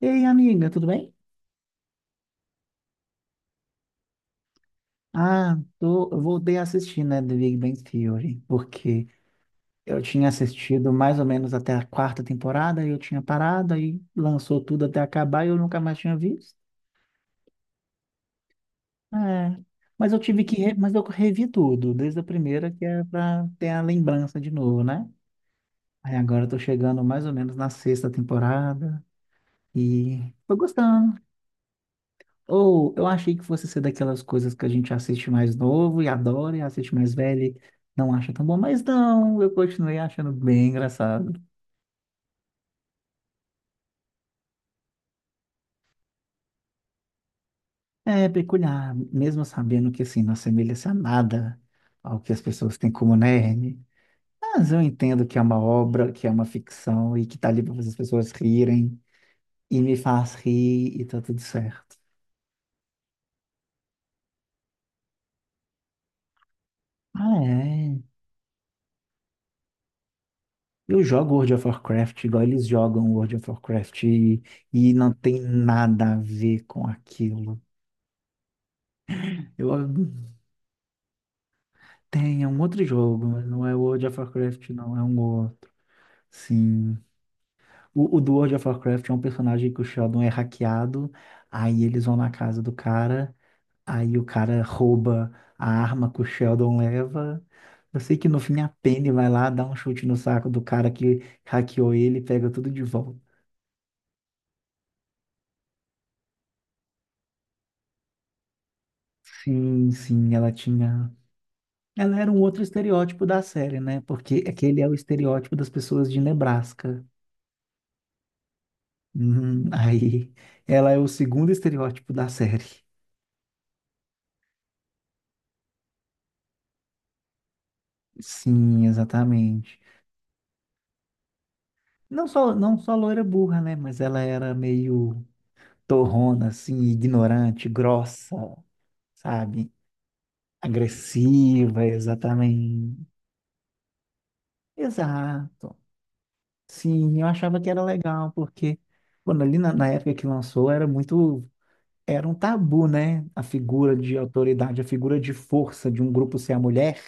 Ei, amiga, tudo bem? Ah, tô, eu voltei a assistir, né, The Big Bang Theory, porque eu tinha assistido mais ou menos até a quarta temporada, e eu tinha parado, aí lançou tudo até acabar e eu nunca mais tinha visto. É, mas eu tive que, re- mas eu revi tudo, desde a primeira, que é pra ter a lembrança de novo, né? Aí agora eu tô chegando mais ou menos na sexta temporada, e tô gostando. Ou eu achei que fosse ser daquelas coisas que a gente assiste mais novo e adora, e assiste mais velho e não acha tão bom, mas não, eu continuei achando bem engraçado. É peculiar, mesmo sabendo que assim, não assemelha-se a nada ao que as pessoas têm como nerd. Mas eu entendo que é uma obra, que é uma ficção e que tá ali para fazer as pessoas rirem, e me faz rir e tá tudo certo. Ah, é. Eu jogo World of Warcraft igual eles jogam World of Warcraft e não tem nada a ver com aquilo. Eu, tem, é um outro jogo, mas não é World of Warcraft, não, é um outro. Sim. O, do World of Warcraft é um personagem que o Sheldon é hackeado, aí eles vão na casa do cara, aí o cara rouba a arma que o Sheldon leva. Eu sei que no fim a Penny vai lá, dá um chute no saco do cara que hackeou ele e pega tudo de volta. Sim, sim, ela tinha. Ela era um outro estereótipo da série, né? Porque aquele é o estereótipo das pessoas de Nebraska. Aí, ela é o segundo estereótipo da série. Sim, exatamente. Não só loira burra, né? Mas ela era meio torrona, assim, ignorante, grossa, sabe? Agressiva, exatamente. Exato. Sim, eu achava que era legal, porque, quando ali na época que lançou, era muito. Era um tabu, né? A figura de autoridade, a figura de força de um grupo ser a mulher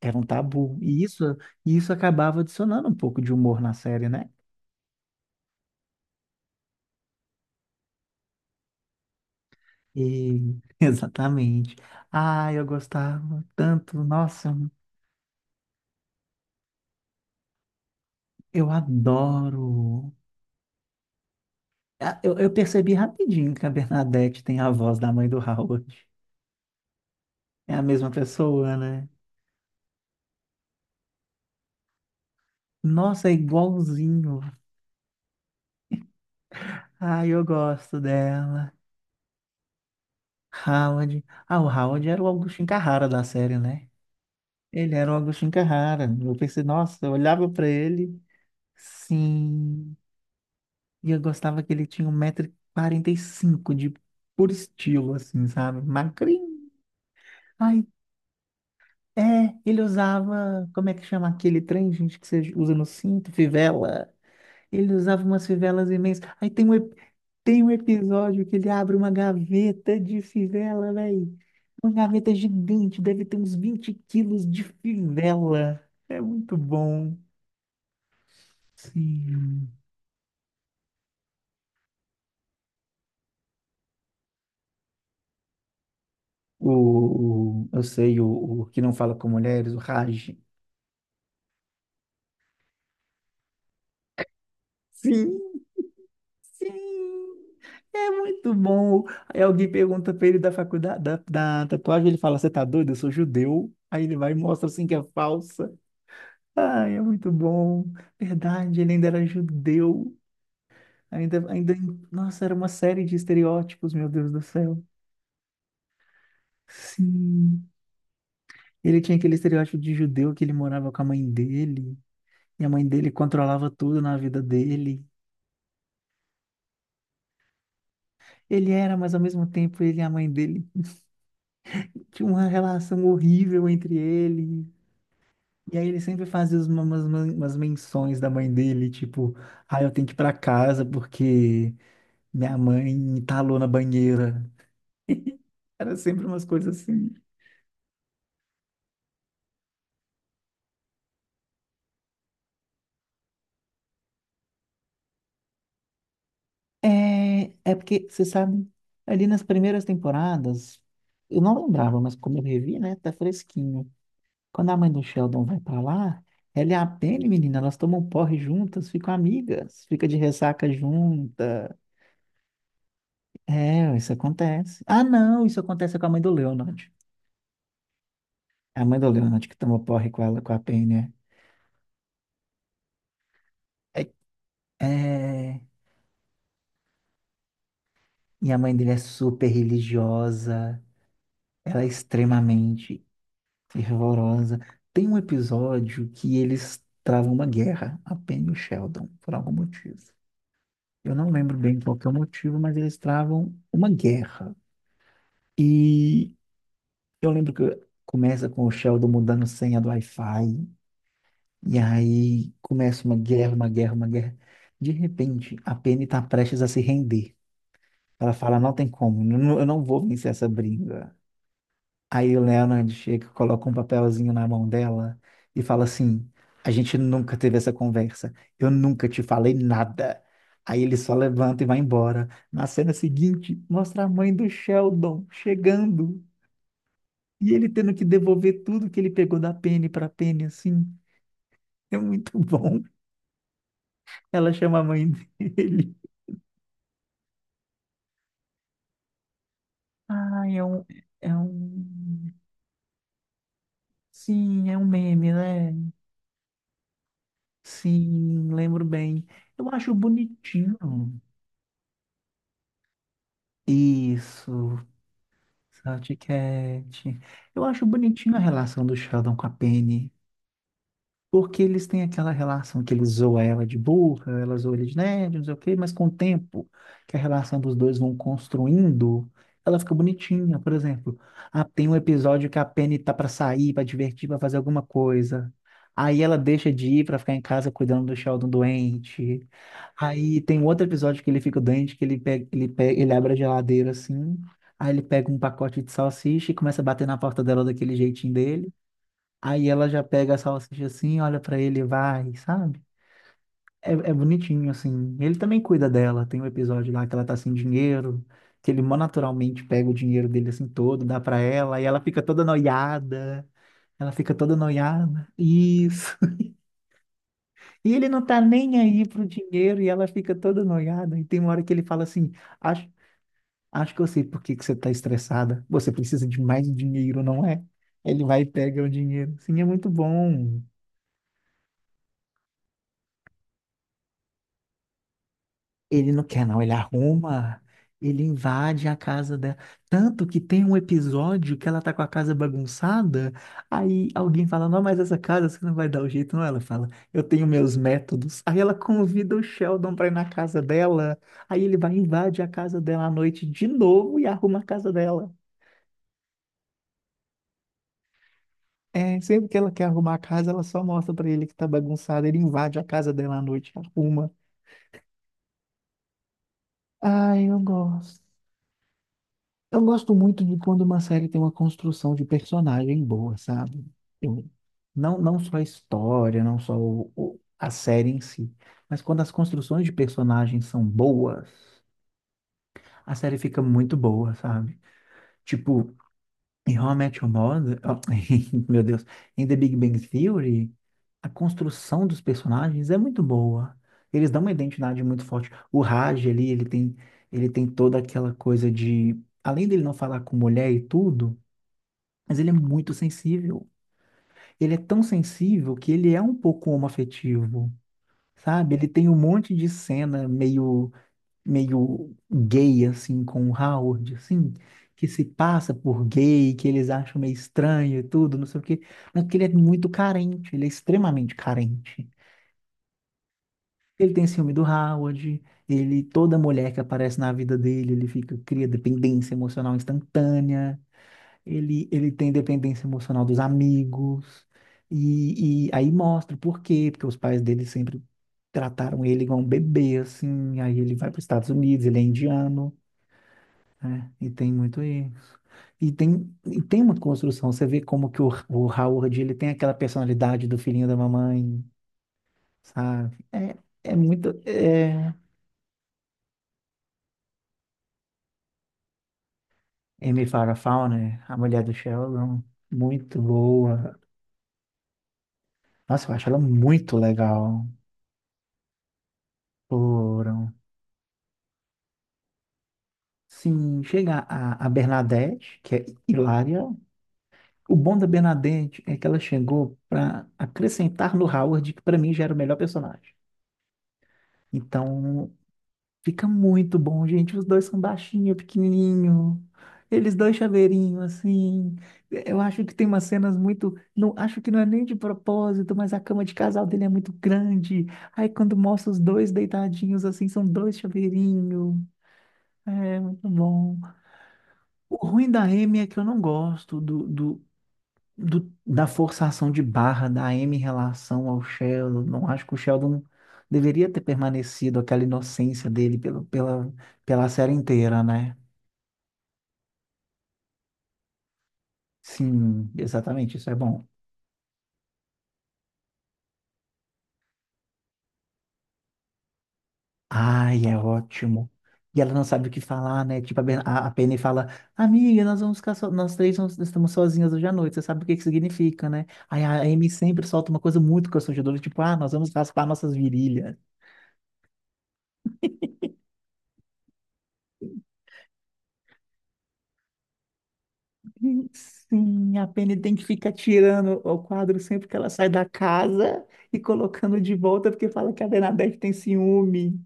era um tabu. E isso acabava adicionando um pouco de humor na série, né? E, exatamente. Ah, eu gostava tanto. Nossa, eu adoro. Ah, eu percebi rapidinho que a Bernadette tem a voz da mãe do Howard. É a mesma pessoa, né? Nossa, é igualzinho. Ah, eu gosto dela. Howard. Ah, o Howard era o Agostinho Carrara da série, né? Ele era o Agostinho Carrara. Eu pensei, nossa, eu olhava pra ele, sim. E eu gostava que ele tinha 1,45 m de puro estilo, assim, sabe? Magrinho. Ai, é, ele usava, como é que chama aquele trem, gente, que você usa no cinto, fivela. Ele usava umas fivelas imensas. Aí tem um episódio que ele abre uma gaveta de fivela, velho. Uma gaveta gigante, deve ter uns 20 quilos de fivela. É muito bom. Sim. Eu sei, o que não fala com mulheres, o Raj. Sim, sim. É muito bom. Aí alguém pergunta pra ele da faculdade, da tatuagem, ele fala, você tá doido? Eu sou judeu. Aí ele vai e mostra assim que é falsa. Ai, é muito bom. Verdade, ele ainda era judeu. Ainda, ainda, nossa, era uma série de estereótipos, meu Deus do céu. Sim. Ele tinha aquele estereótipo de judeu que ele morava com a mãe dele. E a mãe dele controlava tudo na vida dele. Ele era, mas ao mesmo tempo ele e a mãe dele tinha uma relação horrível entre ele. E aí ele sempre fazia umas menções da mãe dele, tipo, ah, eu tenho que ir pra casa porque minha mãe entalou na banheira. Era sempre umas coisas assim. É, é porque, você sabe, ali nas primeiras temporadas, eu não lembrava, mas como eu revi, né, tá fresquinho. Quando a mãe do Sheldon vai pra lá, ela é a Penny, menina. Elas tomam porre juntas, ficam amigas, fica de ressaca junta. É, isso acontece. Ah, não, isso acontece com a mãe do Leonard. É a mãe do Leonard que toma porre com ela, com a Penny, né? É, é, e a mãe dele é super religiosa. Ela é extremamente fervorosa. Tem um episódio que eles travam uma guerra, a Penny e o Sheldon, por algum motivo. Eu não lembro bem qual que é o motivo, mas eles travam uma guerra. E eu lembro que começa com o Sheldon mudando senha do Wi-Fi, e aí começa uma guerra, uma guerra, uma guerra. De repente, a Penny está prestes a se render. Ela fala, não tem como, eu não vou vencer essa briga. Aí o Leonard chega, coloca um papelzinho na mão dela e fala assim, a gente nunca teve essa conversa, eu nunca te falei nada. Aí ele só levanta e vai embora. Na cena seguinte, mostra a mãe do Sheldon chegando. E ele tendo que devolver tudo que ele pegou da Penny pra Penny, assim, é muito bom. Ela chama a mãe dele. Ai, é um. Sim, é um meme, né? Sim, lembro bem. Eu acho bonitinho. Isso, Salty Cat. Eu acho bonitinho a relação do Sheldon com a Penny. Porque eles têm aquela relação que ele zoa ela de burra, ela zoa ele de nerd, não sei o quê, mas com o tempo que a relação dos dois vão construindo, ela fica bonitinha. Por exemplo, ah, tem um episódio que a Penny tá pra sair, pra divertir, pra fazer alguma coisa. Aí ela deixa de ir pra ficar em casa cuidando do Sheldon doente. Aí tem um outro episódio que ele fica doente, que ele abre a geladeira assim, aí ele pega um pacote de salsicha e começa a bater na porta dela daquele jeitinho dele. Aí ela já pega a salsicha assim, olha pra ele, e vai, sabe? É, é bonitinho, assim. Ele também cuida dela. Tem um episódio lá que ela tá sem dinheiro, que ele mó naturalmente pega o dinheiro dele assim todo, dá pra ela, e ela fica toda noiada. Ela fica toda noiada. Isso. E ele não tá nem aí pro dinheiro e ela fica toda noiada. E tem uma hora que ele fala assim: Acho, acho que eu sei por que que você tá estressada. Você precisa de mais dinheiro, não é? Ele vai e pega o dinheiro. Sim, é muito bom. Ele não quer, não. Ele arruma, ele invade a casa dela. Tanto que tem um episódio que ela tá com a casa bagunçada. Aí alguém fala: Não, mas essa casa você não vai dar o jeito, não. Ela fala: Eu tenho meus métodos. Aí ela convida o Sheldon pra ir na casa dela. Aí ele vai invade a casa dela à noite de novo e arruma a casa dela. É, sempre que ela quer arrumar a casa, ela só mostra pra ele que tá bagunçada. Ele invade a casa dela à noite, arruma. Ai, eu gosto. Eu gosto muito de quando uma série tem uma construção de personagem boa, sabe? Eu- não, não só a história, não só a série em si, mas quando as construções de personagens são boas, a série fica muito boa, sabe? Tipo, em How I Met Your Mother, ó, meu Deus, em The Big Bang Theory, a construção dos personagens é muito boa. Eles dão uma identidade muito forte. O Raj ali, ele tem toda aquela coisa de, além dele não falar com mulher e tudo, mas ele é muito sensível. Ele é tão sensível que ele é um pouco homoafetivo, sabe? Ele tem um monte de cena meio, meio gay, assim, com o Howard, assim, que se passa por gay, que eles acham meio estranho e tudo, não sei o quê. Mas porque ele é muito carente, ele é extremamente carente. Ele tem ciúme do Howard, toda mulher que aparece na vida dele, ele fica, cria dependência emocional instantânea. Ele tem dependência emocional dos amigos. E aí mostra por quê, porque os pais dele sempre trataram ele igual um bebê, assim. Aí ele vai para os Estados Unidos, ele é indiano, e tem muito isso. E tem uma construção, você vê como que o Howard, ele tem aquela personalidade do filhinho da mamãe, sabe? É muito. Amy Farrah Fowler, a mulher do Sheldon, muito boa. Nossa, eu acho ela muito legal. Foram. Sim, chega a Bernadette, que é hilária. O bom da Bernadette é que ela chegou para acrescentar no Howard, que para mim já era o melhor personagem. Então, fica muito bom, gente. Os dois são baixinho, pequenininho. Eles dois chaveirinho, assim. Eu acho que tem umas cenas muito. Não, acho que não é nem de propósito, mas a cama de casal dele é muito grande. Aí, quando mostra os dois deitadinhos, assim, são dois chaveirinho. É, muito bom. O ruim da M é que eu não gosto da forçação de barra da M em relação ao Sheldon. Não acho que o Sheldon deveria ter permanecido aquela inocência dele pela série inteira, né? Sim, exatamente, isso é bom. Ai, é ótimo. E ela não sabe o que falar, né? Tipo, a, Ben- a Penny fala, amiga, nós vamos ficar so... nós três vamos- estamos sozinhas hoje à noite, você sabe o que que significa, né? Aí a Amy sempre solta uma coisa muito constrangedora, tipo, ah, nós vamos raspar nossas virilhas. Sim, a Penny tem que ficar tirando o quadro sempre que ela sai da casa e colocando de volta porque fala que a Bernadette tem ciúme.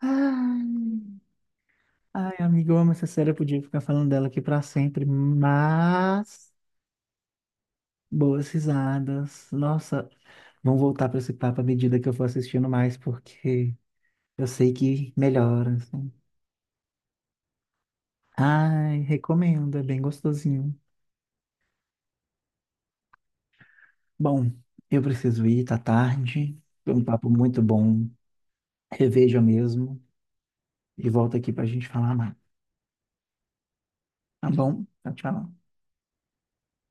Ai, ai, amiga, eu amo essa série, eu podia ficar falando dela aqui pra sempre, mas boas risadas. Nossa, vão voltar pra esse papo à medida que eu for assistindo mais, porque eu sei que melhora, assim. Ai, recomendo, é bem gostosinho. Bom, eu preciso ir, tá tarde. Foi um papo muito bom. Reveja mesmo, e volta aqui para a gente falar mais. Tá bom? Tchau, tchau.